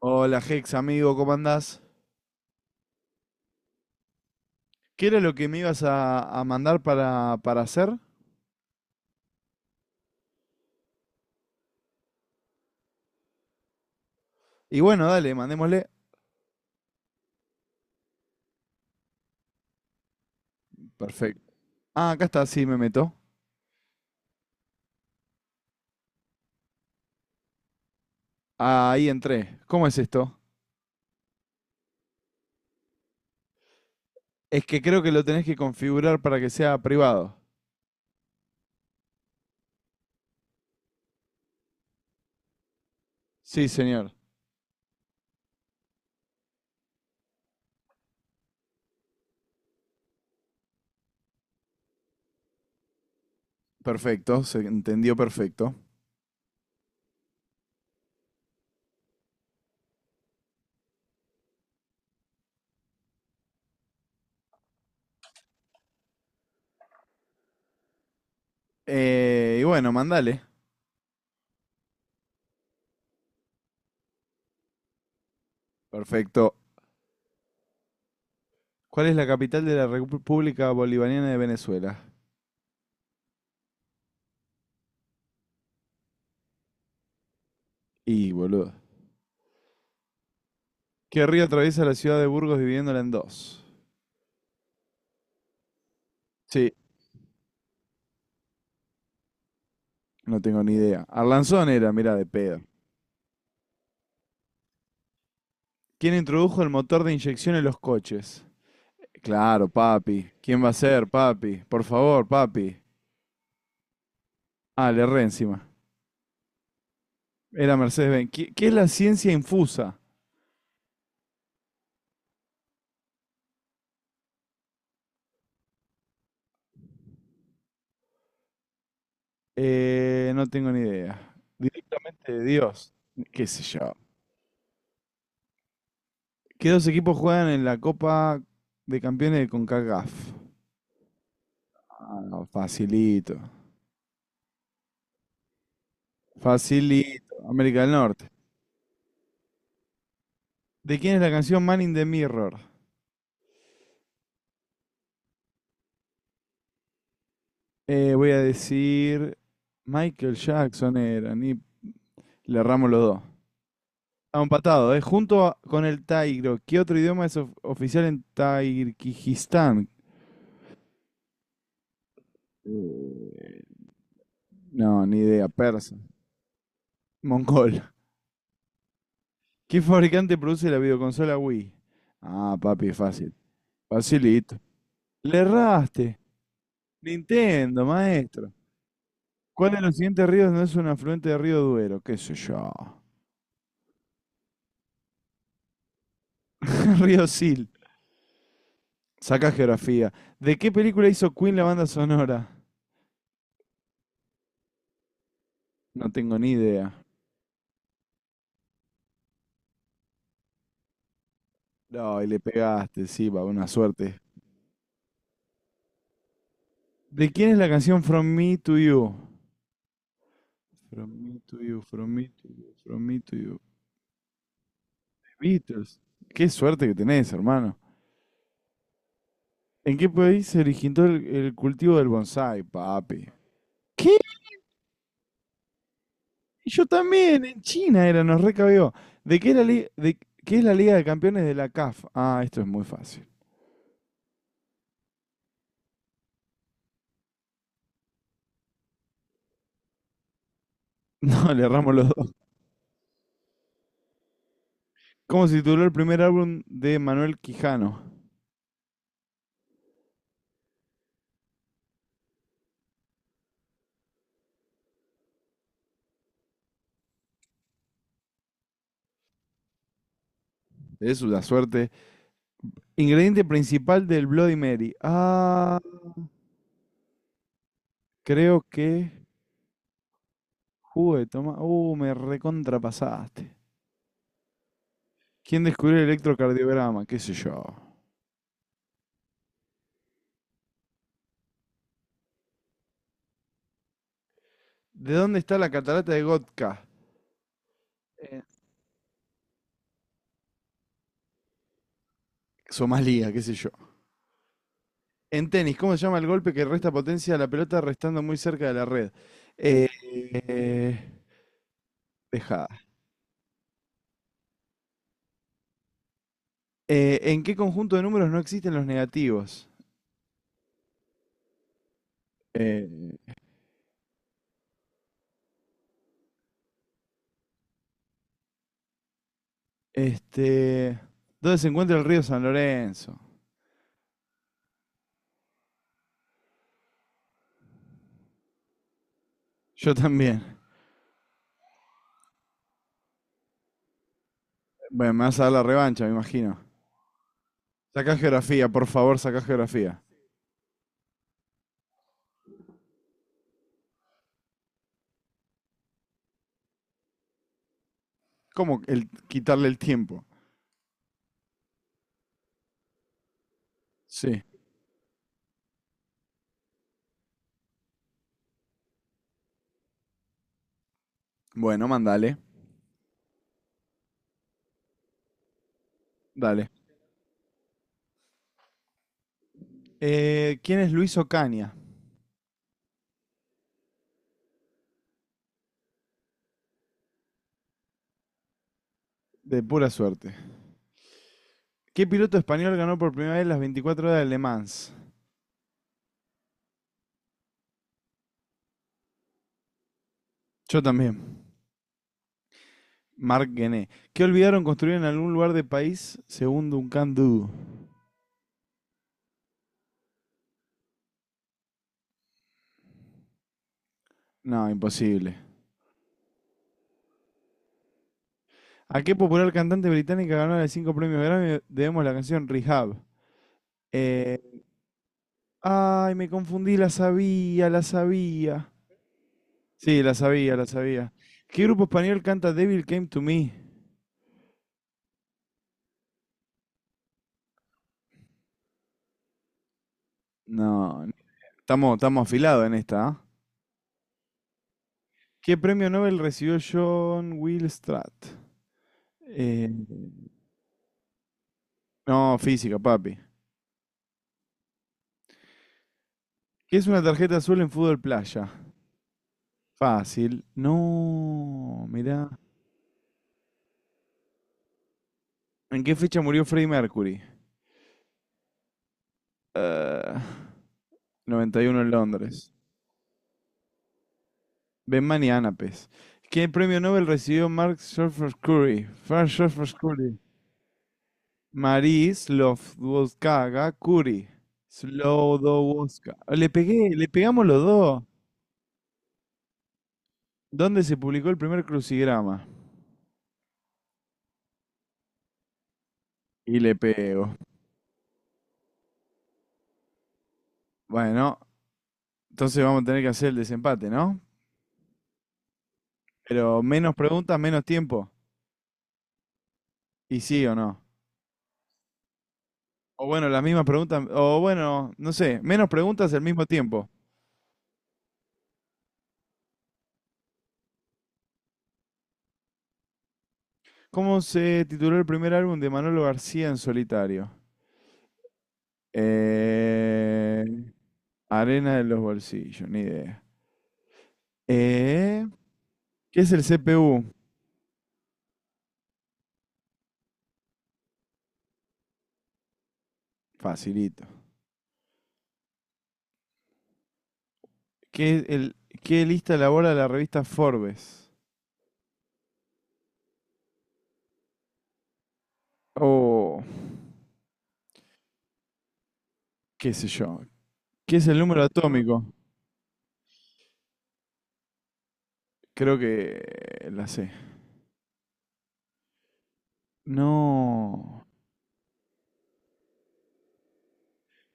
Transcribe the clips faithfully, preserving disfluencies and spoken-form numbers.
Hola Hex, amigo, ¿cómo andás? ¿Qué era lo que me ibas a, a mandar para, para hacer? Y bueno, dale, mandémosle. Perfecto. Ah, acá está, sí, me meto. Ahí entré. ¿Cómo es esto? Es que creo que lo tenés que configurar para que sea privado. Sí, señor. Perfecto, se entendió perfecto. Eh, y bueno, mandale. Perfecto. ¿Cuál es la capital de la República Bolivariana de Venezuela? Y, boludo. ¿Qué río atraviesa la ciudad de Burgos dividiéndola en dos? Sí, no tengo ni idea. Arlanzón era, mira, de pedo. ¿Quién introdujo el motor de inyección en los coches? Claro, papi. ¿Quién va a ser, papi? Por favor, papi. Ah, le erré encima. Era Mercedes-Benz. ¿Qué, qué es la ciencia infusa? Eh, no tengo ni idea. Directamente de Dios. ¿Qué sé yo? ¿Qué dos equipos juegan en la Copa de Campeones de CONCACAF? Ah, no, facilito. Facilito. América del Norte. ¿De quién es la canción Man in the Mirror? Eh, voy a decir Michael Jackson era, ni le erramos los dos. Estamos empatados, ¿eh? Junto a- con el Tairo. ¿Qué otro idioma es of- oficial en Tayikistán? Eh, no, ni idea. Persa. Mongol. ¿Qué fabricante produce la videoconsola Wii? Ah, papi, fácil. Facilito. Le erraste. Nintendo, maestro. ¿Cuál de los siguientes ríos no es un afluente del río Duero? ¿Qué sé yo? Río Sil. Sacá geografía. ¿De qué película hizo Queen la banda sonora? No tengo ni idea. No, y le pegaste, sí, va, una suerte. ¿De quién es la canción From Me to You? From Me to You, From Me to You, From Me to You. The Beatles. Qué suerte que tenés, hermano. ¿En qué país se originó el, el cultivo del bonsái, papi? ¿Qué? Yo también, en China era, nos recabió. ¿De qué es la, li- de, ¿qué es la Liga de Campeones de la C A F? Ah, esto es muy fácil. No, le erramos los dos. ¿Cómo se tituló el primer álbum de Manuel Quijano? Es una suerte. Ingrediente principal del Bloody Mary. Ah, creo que jugo de toma. Uh, me recontrapasaste. ¿Quién descubrió el electrocardiograma? ¿Qué sé yo? ¿De dónde está la catarata de Gotka? Eh, Somalia, qué sé yo. En tenis, ¿cómo se llama el golpe que resta potencia a la pelota restando muy cerca de la red? Eh, eh, dejada. Eh, ¿en qué conjunto de números no existen los negativos? Eh, Este, ¿dónde se encuentra el río San Lorenzo? Yo también. Bueno, me vas a dar la revancha, me imagino. Sacá geografía, por favor, sacá geografía. ¿Cómo el, ¿quitarle el tiempo? Sí. Bueno, mandale. Dale. Eh, ¿Quién es Luis Ocaña? De pura suerte. ¿Qué piloto español ganó por primera vez las veinticuatro horas de Le Mans? Yo también. Marc Guené. ¿Qué olvidaron construir en algún lugar de país según Duncan Du? No, imposible. ¿A qué popular cantante británica ganó los cinco premios Grammy? Debemos la canción Rehab. Eh, ay, me confundí, la sabía, la sabía. Sí, la sabía, la sabía. ¿Qué grupo español canta Devil Came to Me? No, estamos, estamos afilados en esta, ¿ah? ¿Qué premio Nobel recibió John Will Stratt? Eh, no, física, papi. ¿Qué es una tarjeta azul en fútbol playa? Fácil. No, mirá. ¿En qué fecha murió Freddie Mercury? Eh, noventa y uno en Londres. Benman y Anapes. ¿Qué premio Nobel recibió Mark Surfer Curry? Mark Surfer Curry. Marie Slowdoska Curry. Slowdoska. Le pegué, le pegamos los dos. ¿Dónde se publicó el primer crucigrama? Y le pego. Bueno, entonces vamos a tener que hacer el desempate, ¿no? Pero menos preguntas, menos tiempo. ¿Y sí o no? O bueno, las mismas preguntas, o bueno, no sé, menos preguntas al mismo tiempo. ¿Cómo se tituló el primer álbum de Manolo García en solitario? Eh, Arena de los bolsillos, ni idea. Eh, ¿qué es el C P U? Facilito. ¿Qué, es el, ¿Qué lista elabora la revista Forbes? O qué sé yo. ¿Qué es el número atómico? Creo que la sé. No.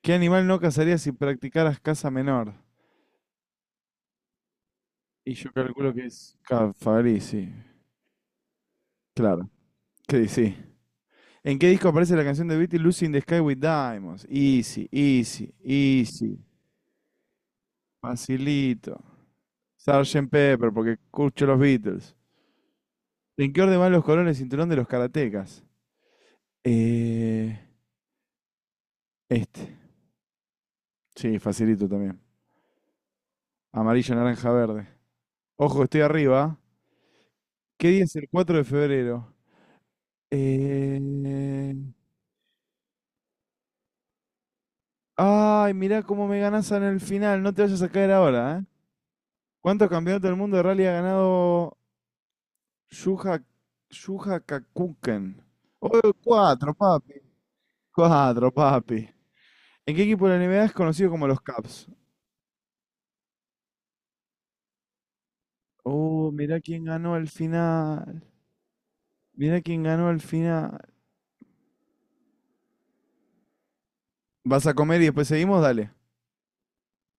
¿Qué animal no cazarías si practicaras caza menor? Y yo calculo que es Cafarí, sí. Claro. Sí, sí. ¿En qué disco aparece la canción de Beatles Lucy in the Sky with Diamonds? Easy, easy, easy. Facilito. Sergeant Pepper, porque escucho los Beatles. ¿En qué orden van los colores del cinturón de los karatecas? Eh, este. Sí, facilito también. Amarillo, naranja, verde. Ojo, estoy arriba. ¿Qué día es el cuatro de febrero? Eh... Ay, mirá cómo me ganás en el final. No te vayas a caer ahora, ¿eh? ¿Cuántos campeonatos del mundo de rally ha ganado Shuha, Shuha Kakuken. Oh, cuatro, papi. Cuatro, papi. ¿En qué equipo de la N B A es conocido como los Caps? Oh, mirá quién ganó al final. Mirá quién ganó al final. ¿Vas a comer y después seguimos? Dale.